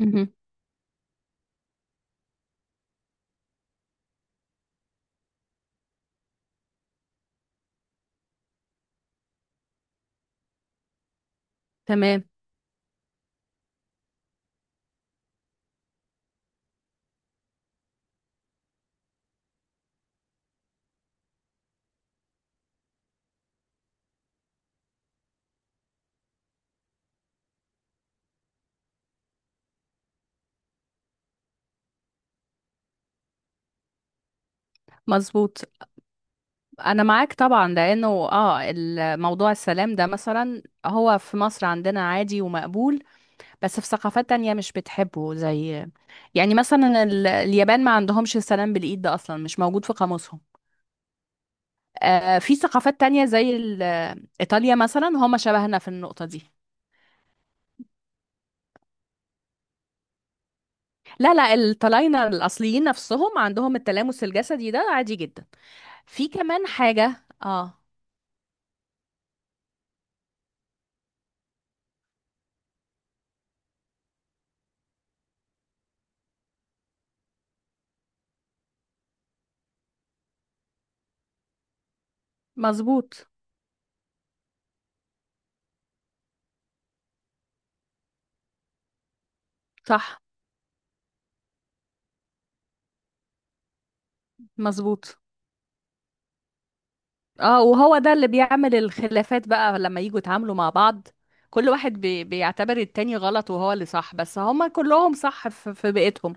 مهم. تمام. مظبوط. انا معاك طبعا لانه الموضوع السلام ده مثلا هو في مصر عندنا عادي ومقبول. بس في ثقافات تانية مش بتحبه، زي يعني مثلا اليابان ما عندهمش السلام بالايد، ده اصلا مش موجود في قاموسهم. آه، في ثقافات تانية زي ايطاليا مثلا هم شبهنا في النقطة دي. لا، لا، الطلاينة الاصليين نفسهم عندهم التلامس الجسدي ده عادي جدا. في كمان حاجة. اه. مظبوط. صح. مظبوط. اه، وهو ده اللي بيعمل الخلافات بقى لما يجوا يتعاملوا مع بعض. كل واحد بيعتبر التاني غلط وهو اللي صح، بس هما كلهم صح في بيئتهم.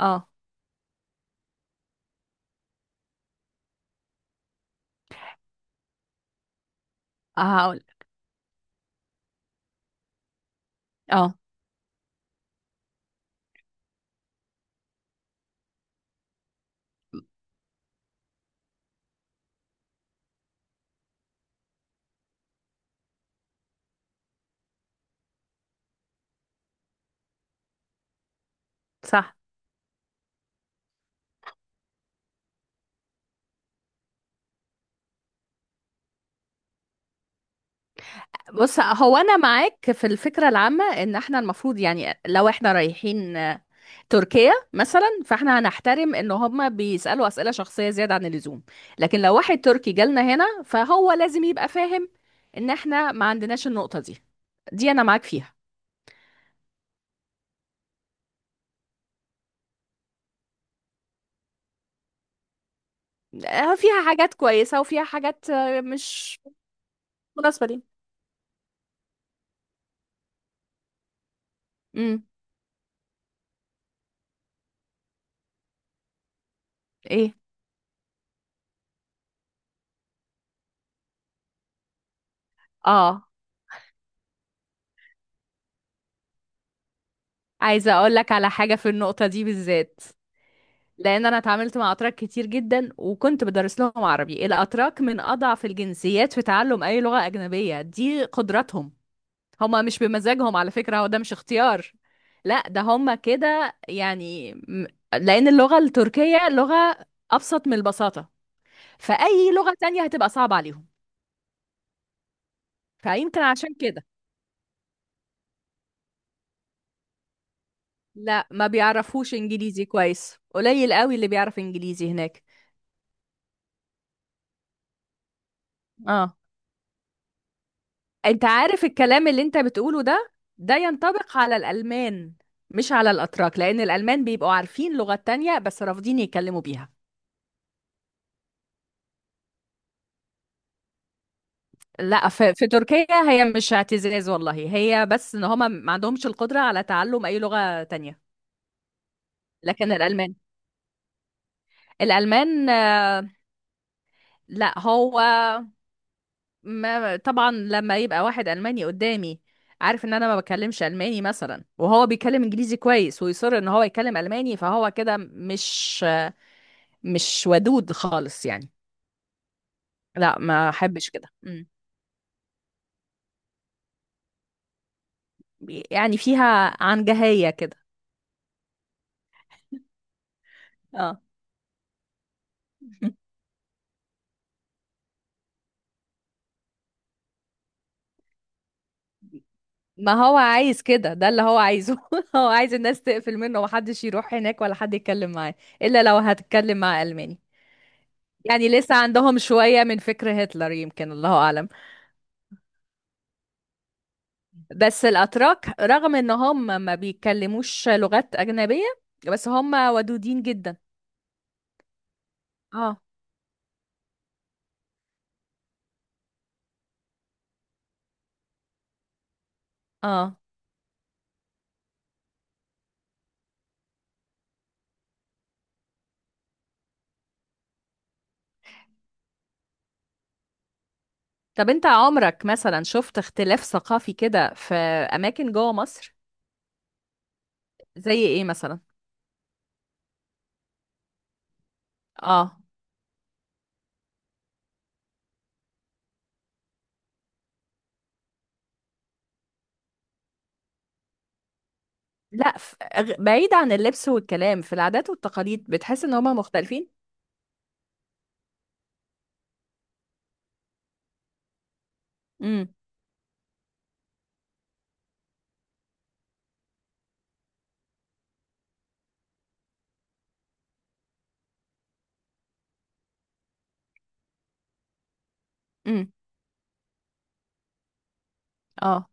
اه. هقول. اه. صح. بص، هو انا معاك في الفكره العامه ان احنا المفروض يعني لو احنا رايحين تركيا مثلا، فاحنا هنحترم ان هما بيسالوا اسئله شخصيه زياده عن اللزوم. لكن لو واحد تركي جالنا هنا فهو لازم يبقى فاهم ان احنا ما عندناش النقطه دي. دي انا معاك فيها. فيها حاجات كويسة، وفيها حاجات مش مناسبة لي. امم. ايه. اه. عايزه اقول لك على حاجه في النقطه دي بالذات. لان انا اتعاملت مع اتراك كتير جدا وكنت بدرس لهم عربي. الاتراك من اضعف الجنسيات في تعلم اي لغه اجنبيه، دي قدرتهم. هما مش بمزاجهم على فكره، هو ده مش اختيار. لا، ده هما كده يعني لان اللغه التركيه لغه ابسط من البساطه. فاي لغه تانية هتبقى صعبه عليهم. فيمكن عشان كده. لا، ما بيعرفوش انجليزي كويس، قليل قوي اللي بيعرف انجليزي هناك. اه، انت عارف الكلام اللي انت بتقوله ده، ده ينطبق على الالمان مش على الاتراك، لان الالمان بيبقوا عارفين لغات تانية بس رافضين يتكلموا بيها. لا، في تركيا هي مش اعتزاز والله، هي بس ان هما ما عندهمش القدرة على تعلم اي لغة تانية. لكن الالمان، الالمان. لا هو، ما طبعا لما يبقى واحد ألماني قدامي عارف ان انا ما بكلمش ألماني مثلا، وهو بيتكلم انجليزي كويس ويصر ان هو يتكلم ألماني، فهو كده مش ودود خالص يعني. لا، ما احبش كده. مم. يعني فيها عنجهية كده. اه، ما هو عايز كده، ده اللي هو عايزه. هو عايز الناس تقفل منه ومحدش يروح هناك ولا حد يتكلم معاه، الا لو هتتكلم مع ألماني. يعني لسه عندهم شوية من فكر هتلر، يمكن الله اعلم. بس الأتراك رغم إن هم ما بيتكلموش لغات أجنبية، بس هم ودودين جدا. اه. اه. طب أنت عمرك مثلا شفت اختلاف ثقافي كده في أماكن جوه مصر؟ زي إيه مثلا؟ اه. لا، بعيد عن اللبس والكلام، في العادات والتقاليد بتحس إن هم مختلفين؟ امم. امم. اه.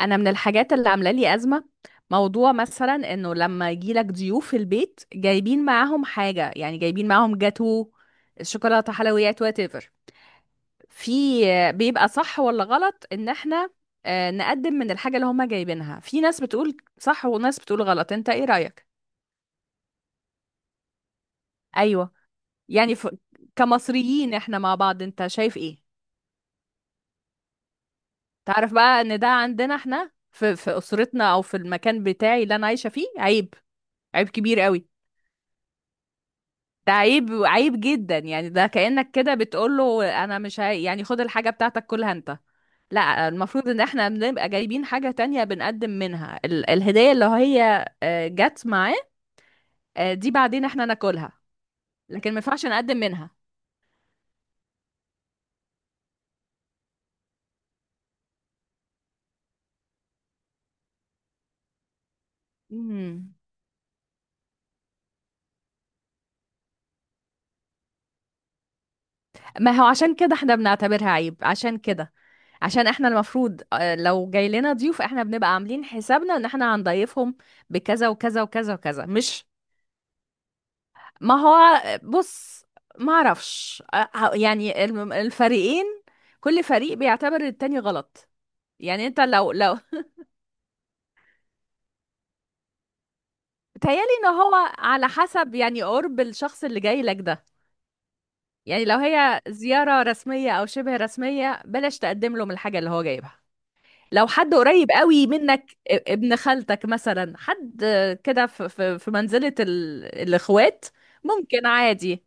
انا من الحاجات اللي عامله لي ازمه موضوع مثلا انه لما يجيلك ضيوف في البيت جايبين معاهم حاجه، يعني جايبين معاهم جاتو، شوكولاته، حلويات، وات ايفر. في بيبقى صح ولا غلط ان احنا نقدم من الحاجه اللي هما جايبينها؟ في ناس بتقول صح وناس بتقول غلط، انت ايه رايك؟ ايوه. يعني كمصريين احنا مع بعض انت شايف ايه؟ تعرف بقى ان ده عندنا احنا في اسرتنا، او في المكان بتاعي اللي انا عايشه فيه عيب. عيب كبير قوي. ده عيب، عيب جدا، يعني ده كأنك كده بتقول له انا مش هاي، يعني خد الحاجة بتاعتك كلها انت. لا، المفروض ان احنا بنبقى جايبين حاجة تانية بنقدم منها الهدية اللي هي جت معاه. دي بعدين احنا ناكلها. لكن ما ينفعش نقدم منها. مم. ما هو عشان كده احنا بنعتبرها عيب، عشان كده. عشان احنا المفروض لو جاي لنا ضيوف احنا بنبقى عاملين حسابنا ان احنا هنضيفهم بكذا وكذا وكذا وكذا، مش. ما هو بص، ما اعرفش يعني الفريقين، كل فريق بيعتبر التاني غلط. يعني انت لو. تهيالي ان هو على حسب، يعني قرب الشخص اللي جاي لك ده. يعني لو هي زيارة رسمية او شبه رسمية بلاش تقدم له من الحاجة اللي هو جايبها. لو حد قريب قوي منك ابن خالتك مثلا، حد كده في منزلة الاخوات، ممكن عادي.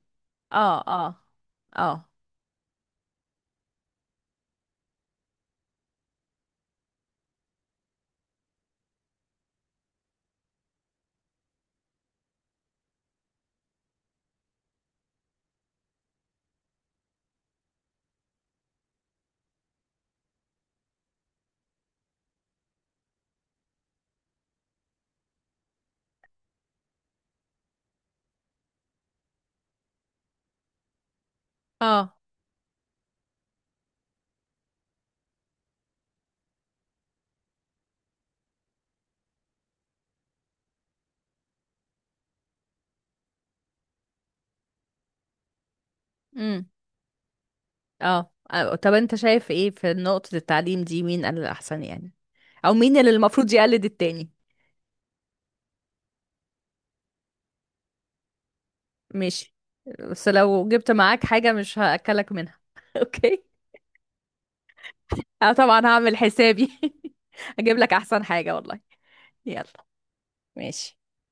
اه. اه. اه. اه. امم. اه. طب انت شايف ايه في نقطة التعليم دي، مين قال الأحسن يعني، او مين اللي المفروض يقلد التاني؟ ماشي. بس لو جبت معاك حاجة مش هأكلك منها اوكي؟ انا طبعا هعمل حسابي. هجيب لك احسن حاجة والله. يلا. ماشي.